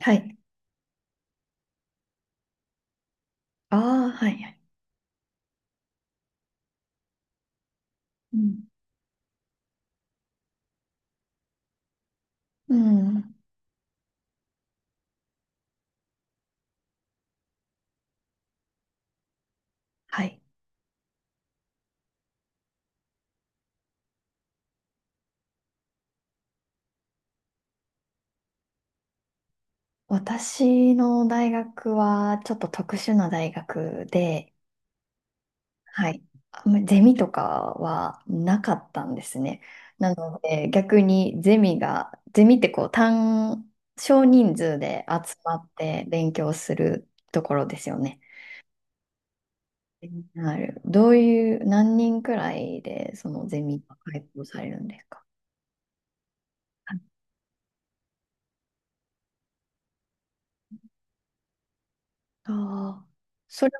はい。ああ、はい、はい。うん。うん。はい。私の大学はちょっと特殊な大学で、はい。あんまりゼミとかはなかったんですね。なので、逆にゼミって少人数で集まって勉強するところですよね。どういう、何人くらいで、そのゼミが開講されるんですか？はい。ああー、それ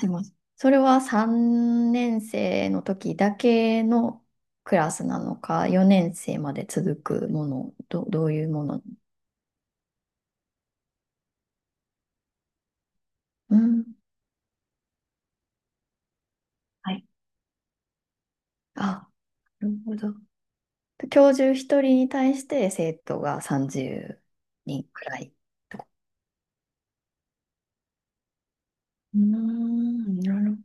でも、それは3年生の時だけのクラスなのか、4年生まで続くもの、どういうもの。うん。はい。あ、なるほど。教授1人に対して生徒が30人くらいとか。うーん、なるほど。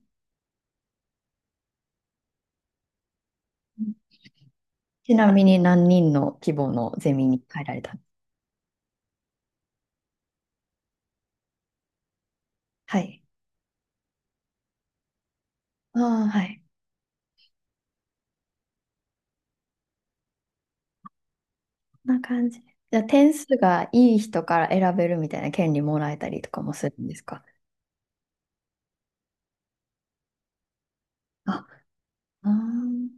ちなみに何人の規模のゼミに入られた？はい。ああ、はい。こんな感じ。じゃあ点数がいい人から選べるみたいな権利もらえたりとかもするんですか？ああー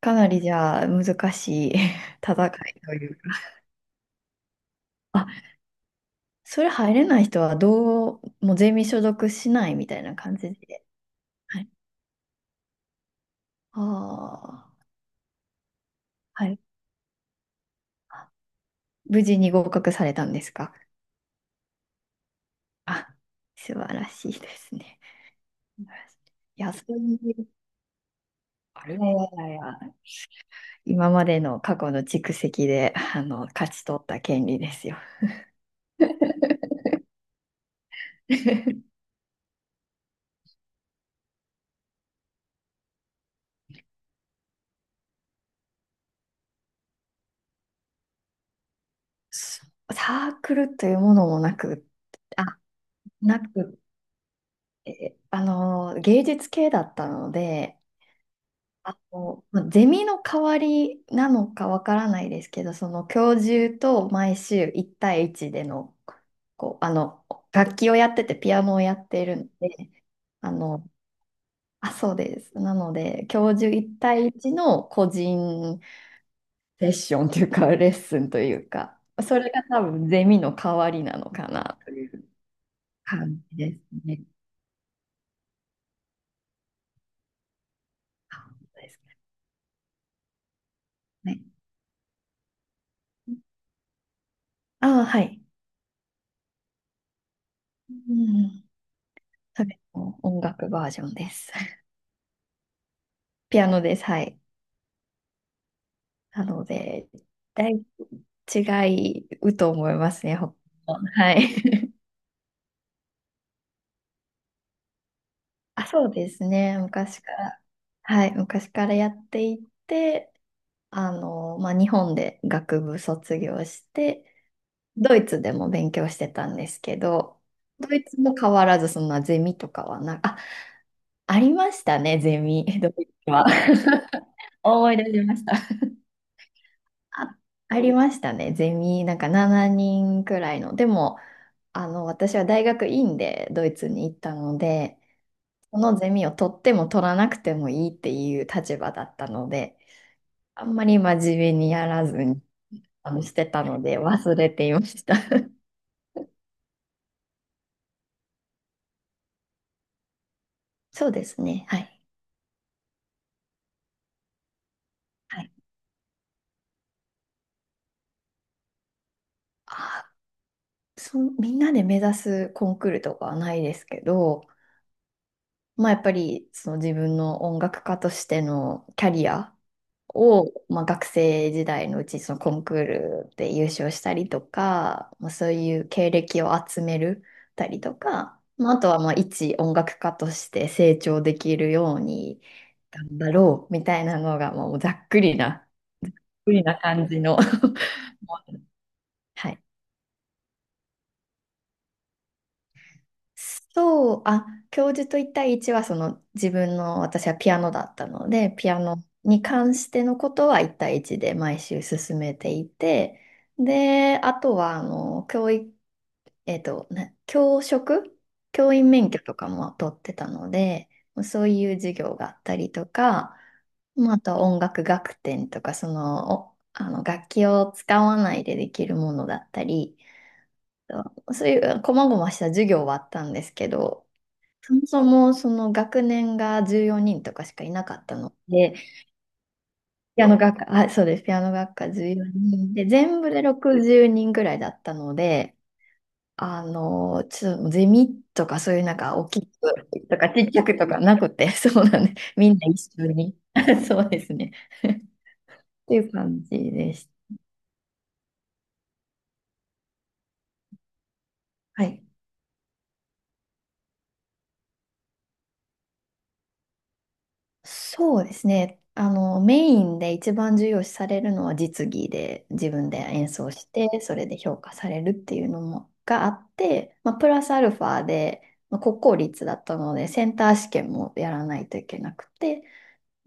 かなりじゃあ難しい 戦いというか。あ、それ入れない人はもうゼミ所属しないみたいな感じで。はい。ああ、はい。あ、無事に合格されたんですか？あ、素晴らしいですね。素晴らしい。いや、そういう、あれ、いやいやいや、今までの過去の蓄積で、勝ち取った権利ですよ。サークルというものもなく、あ、なく芸術系だったので、まあゼミの代わりなのかわからないですけど、その教授と毎週1対1での、こう、あの、楽器をやってて、ピアノをやっているので、あの、あ、そうです。なので、教授1対1の個人セッションというか、レッスンというか、それが多分ゼミの代わりなのかなという感じですね。あ、本ですね。あ、はい。うん。食の音楽バージョンです。ピアノです。はい。なので、だい違うと思いますね。他の。はい。あ、そうですね。昔から、はい。昔からやっていて、まあ、日本で学部卒業して、ドイツでも勉強してたんですけど、ドイツも変わらず、そんなゼミとかはな、あ、ありましたね、ゼミ、ドイツは。思い出しました。あ、ありましたね。ゼミ、なんか7人くらいの。でも、私は大学院でドイツに行ったので、そのゼミを取っても取らなくてもいいっていう立場だったので、あんまり真面目にやらずに、してたので忘れていました。そうですね。はい。はい。あ、みんなで目指すコンクールとかはないですけど、まあやっぱりその自分の音楽家としてのキャリアを、まあ、学生時代のうちそのコンクールで優勝したりとか、まあ、そういう経歴を集めるたりとか、まあ、あとはまあ一音楽家として成長できるように頑張ろうみたいなのがまあもうざっくりな感じの。 はい。そう、あ、教授と一対一はその自分の私はピアノだったので、ピアノに関してのことは一対一で毎週進めていて、で、あとはあの教育、教職、教員免許とかも取ってたので、そういう授業があったりとか、まあ、あとは音楽学点とか、その、お、あの楽器を使わないでできるものだったり、そういう細々した授業はあったんですけど、そもそもその学年が14人とかしかいなかったので、ピアノ学科、あ、そうです、ピアノ学科14人で、全部で60人ぐらいだったので、ちょっとゼミとかそういうなんか大きくとかちっちゃくとかなくて、そうなんです。みんな一緒に。そうですね。っていう感じでした。はい。そうですね。メインで一番重要視されるのは実技で、自分で演奏して、それで評価されるっていうのもがあって、まあ、プラスアルファで、まあ、国公立だったので、センター試験もやらないといけなくて、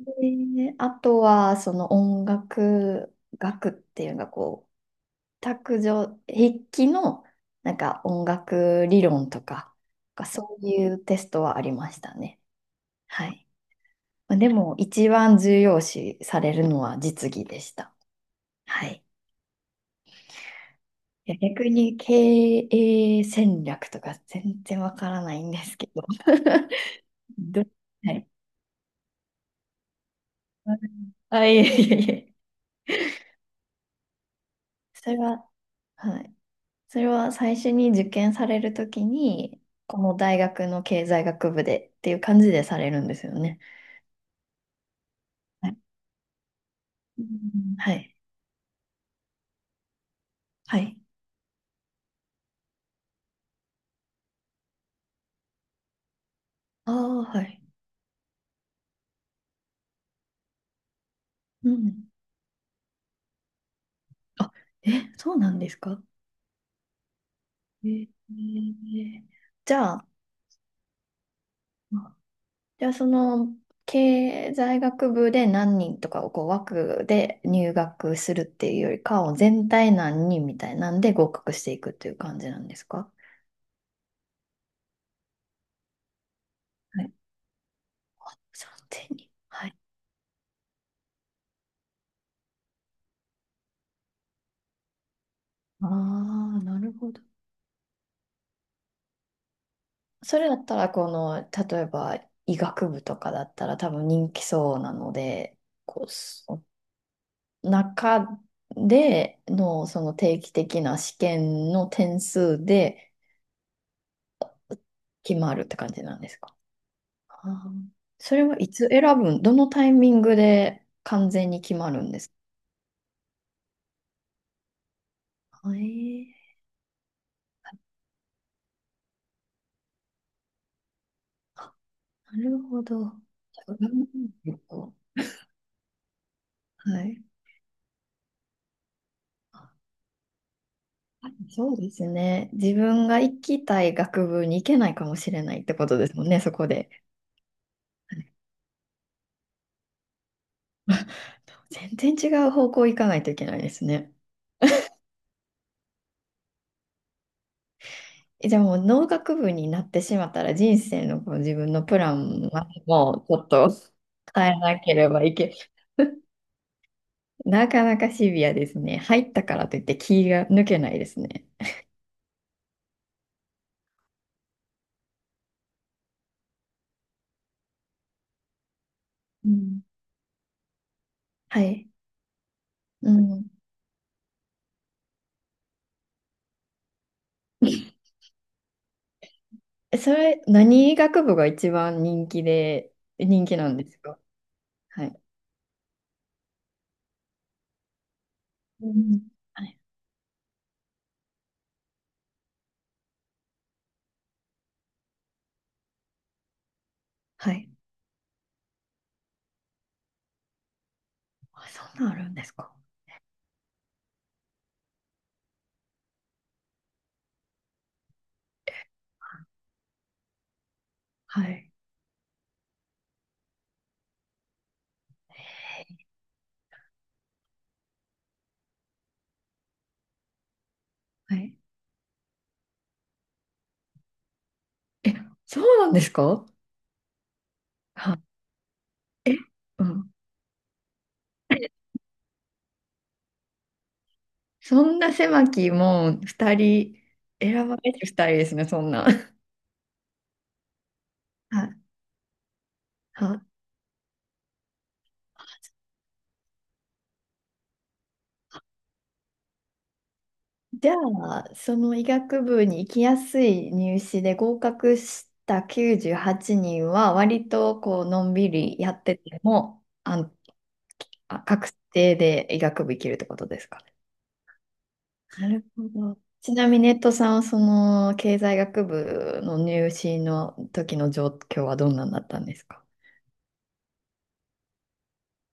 で、あとはその音楽学っていうのが卓上、筆記のなんか音楽理論とか、なんかそういうテストはありましたね。はい。まあでも、一番重要視されるのは実技でした。はい。いや逆に経営戦略とか全然わからないんですけど。ど、はい。あ、いえいえいえ。それは、はい。それは最初に受験されるときに、この大学の経済学部でっていう感じでされるんですよね。はい。うん、はい。はい。ああ、はい。うん。あ、え、そうなんですか？えーじゃあ、あじゃあその経済学部で何人とかを枠で入学するっていうよりかは全体何人みたいなんで合格していくっていう感じなんですか？はい。3 0 0。はい。ああ、なるほど。それだったらこの例えば医学部とかだったら多分人気そうなので、こうそ中でのその定期的な試験の点数で決まるって感じなんですか？あーそれはいつ選ぶん、どのタイミングで完全に決まるんですか？えー、なるほど。じゃあ占いと。はい。あ、そうですね。自分が行きたい学部に行けないかもしれないってことですもんね、そこで。はい。全然違う方向行かないといけないですね。えじゃあもう農学部になってしまったら人生の自分のプランはもうちょっと変えなければいけない。なかなかシビアですね。入ったからといって気が抜けないですね。うん。はい。うん。え、何学部が一番人気なんですか？はい。うん、はい。はい。あ、そんなんあるんですか？はい。はい。え、そうなんですか？はい。え、うん。そんな狭きもう二人、選ばれて二人ですね、そんな。はい。はい。じゃあ、その医学部に行きやすい入試で合格した98人はちにんは、割とのんびりやってても、確定で医学部行けるってことですか？なるほど。ちなみにネットさんはその経済学部の入試の時の状況はどんなんだったんですか？